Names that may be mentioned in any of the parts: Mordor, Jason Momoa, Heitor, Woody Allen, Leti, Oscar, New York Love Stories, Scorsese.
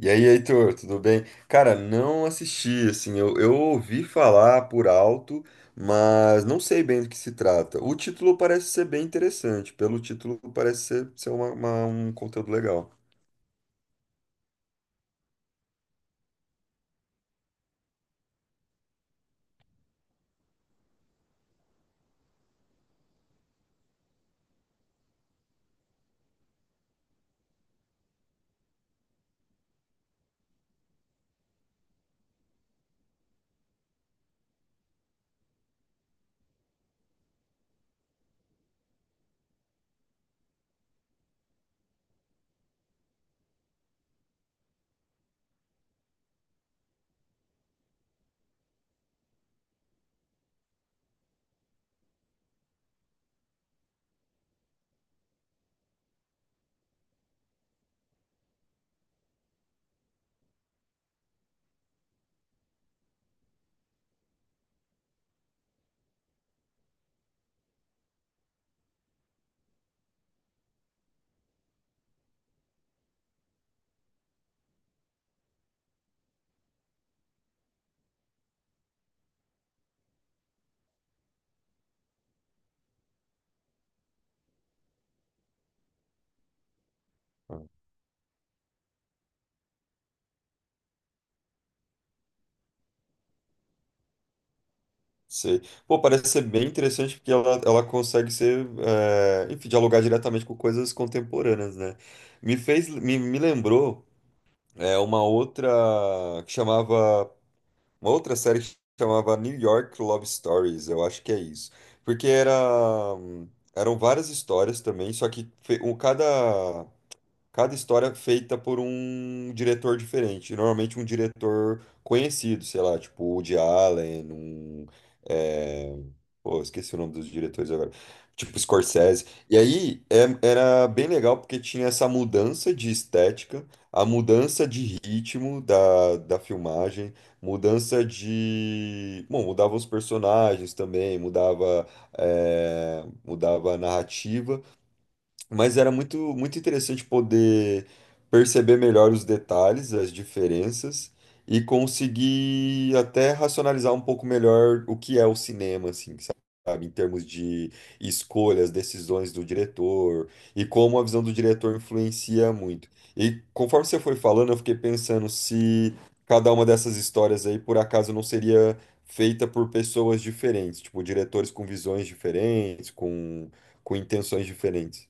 E aí, Heitor, tudo bem? Cara, não assisti, assim, eu ouvi falar por alto, mas não sei bem do que se trata. O título parece ser bem interessante, pelo título parece ser um conteúdo legal. Ah. Sei. Pô, parece ser bem interessante porque ela consegue ser, é, enfim, dialogar diretamente com coisas contemporâneas, né? Me lembrou, é, que chamava uma outra série que chamava New York Love Stories, eu acho que é isso. Porque era, eram várias histórias também, só que cada história é feita por um diretor diferente. Normalmente um diretor conhecido, sei lá, tipo o Woody Allen, um. é, Pô, esqueci o nome dos diretores agora. Tipo Scorsese. E aí era bem legal porque tinha essa mudança de estética, a mudança de ritmo da filmagem, mudança de. Bom, mudava os personagens também, mudava, é, mudava a narrativa. Mas era muito, muito interessante poder perceber melhor os detalhes, as diferenças e conseguir até racionalizar um pouco melhor o que é o cinema, assim, sabe? Em termos de escolhas, decisões do diretor e como a visão do diretor influencia muito. E conforme você foi falando, eu fiquei pensando se cada uma dessas histórias aí por acaso não seria feita por pessoas diferentes, tipo diretores com visões diferentes, com intenções diferentes.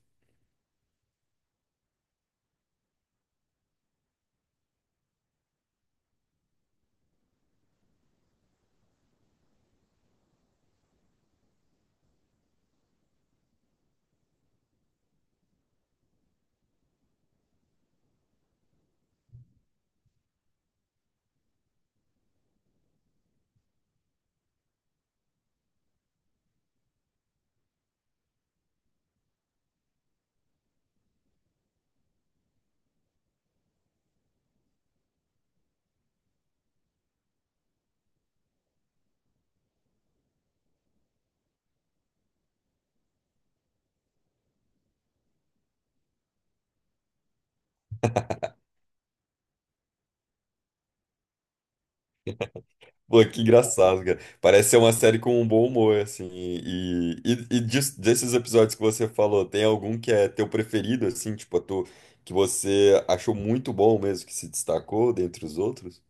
Pô, que engraçado, cara. Parece ser uma série com um bom humor, assim. E desses episódios que você falou, tem algum que é teu preferido, assim, que você achou muito bom mesmo, que se destacou dentre os outros?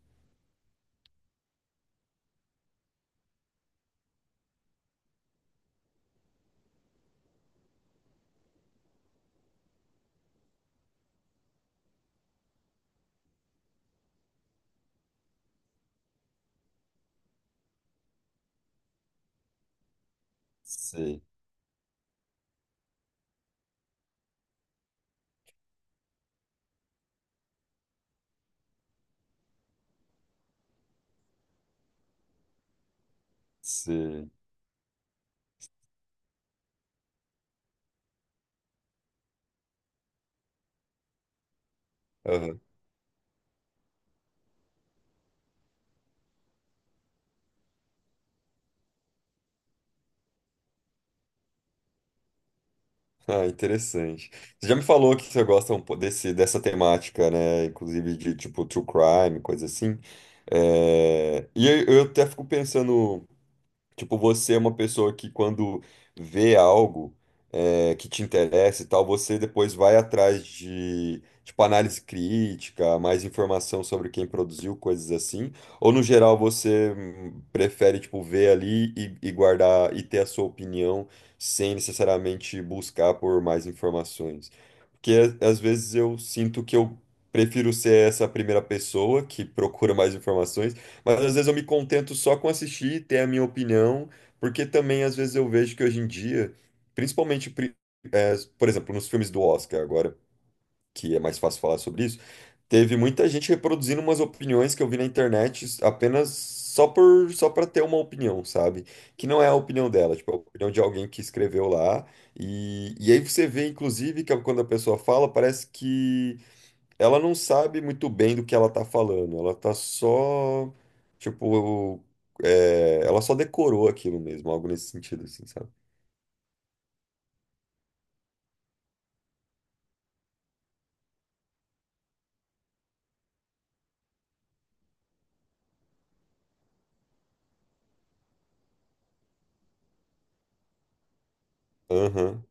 Sei, sei. Aham. Ah, interessante. Você já me falou que você gosta desse, dessa temática, né? Inclusive de, tipo, true crime, coisa assim. É. E eu até fico pensando. Tipo, você é uma pessoa que quando vê algo que te interessa e tal, você depois vai atrás de, tipo, análise crítica, mais informação sobre quem produziu, coisas assim. Ou no geral você prefere, tipo, ver ali e guardar e ter a sua opinião sem necessariamente buscar por mais informações. Porque às vezes eu sinto que eu prefiro ser essa primeira pessoa que procura mais informações, mas às vezes eu me contento só com assistir e ter a minha opinião, porque também às vezes eu vejo que hoje em dia, principalmente, pri- é, por exemplo, nos filmes do Oscar agora, que é mais fácil falar sobre isso, teve muita gente reproduzindo umas opiniões que eu vi na internet, apenas, só por, só para ter uma opinião, sabe? Que não é a opinião dela, tipo, é a opinião de alguém que escreveu lá. E aí você vê, inclusive, que é quando a pessoa fala, parece que ela não sabe muito bem do que ela tá falando, ela tá só, tipo, é, ela só decorou aquilo mesmo, algo nesse sentido, assim, sabe? Aham,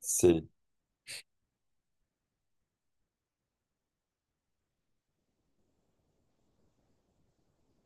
sim.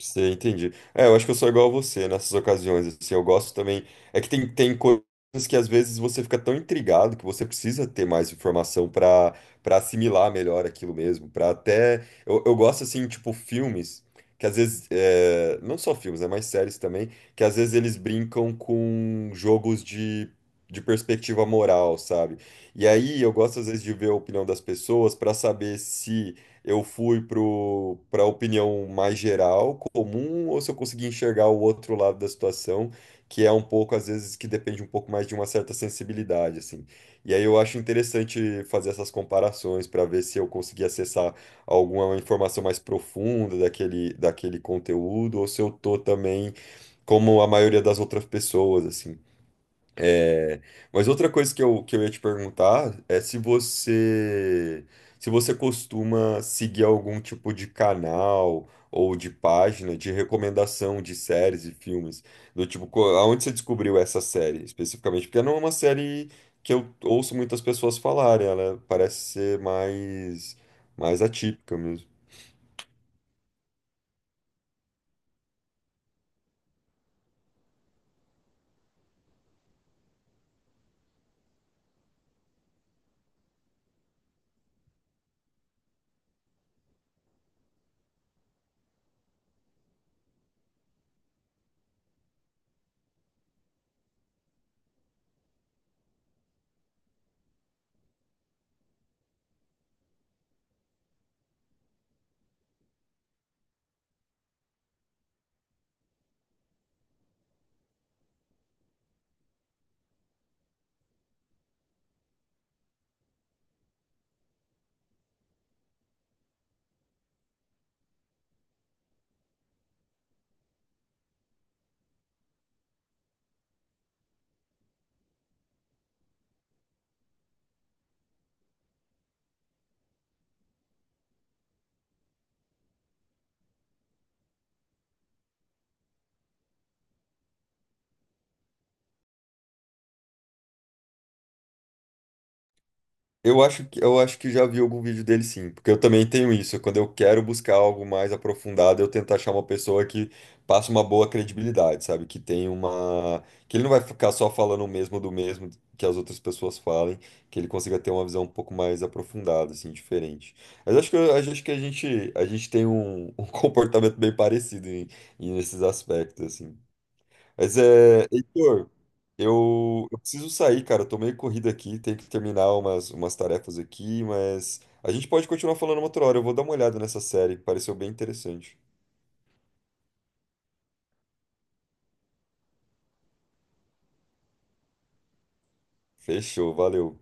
Sei, entendi. É, eu acho que eu sou igual a você nessas ocasiões, assim, eu gosto também, é que tem coisas que às vezes você fica tão intrigado que você precisa ter mais informação para para assimilar melhor aquilo mesmo, para até, eu gosto, assim, tipo, filmes, que às vezes, é, não só filmes, né, mas séries também, que às vezes eles brincam com jogos de perspectiva moral, sabe? E aí eu gosto, às vezes, de ver a opinião das pessoas para saber se eu fui para a opinião mais geral, comum, ou se eu consegui enxergar o outro lado da situação, que é um pouco, às vezes, que depende um pouco mais de uma certa sensibilidade, assim. E aí eu acho interessante fazer essas comparações para ver se eu consegui acessar alguma informação mais profunda daquele conteúdo, ou se eu tô também como a maioria das outras pessoas, assim. É. Mas outra coisa que eu ia te perguntar é se você se você costuma seguir algum tipo de canal ou de página de recomendação de séries e filmes. Do tipo, aonde você descobriu essa série especificamente? Porque não é uma série que eu ouço muitas pessoas falarem, ela parece ser mais, mais atípica. Eu acho que já vi algum vídeo dele sim, porque eu também tenho isso. Quando eu quero buscar algo mais aprofundado, eu tento achar uma pessoa que passe uma boa credibilidade, sabe? Que tem uma, que ele não vai ficar só falando o mesmo do mesmo que as outras pessoas falem, que ele consiga ter uma visão um pouco mais aprofundada, assim, diferente. Mas acho que a gente tem um, um comportamento bem parecido em, em nesses aspectos, assim. Mas é, Heitor, eu preciso sair, cara. Eu tô meio corrido aqui, tenho que terminar umas, umas tarefas aqui, mas a gente pode continuar falando uma outra hora. Eu vou dar uma olhada nessa série, pareceu bem interessante. Fechou, valeu.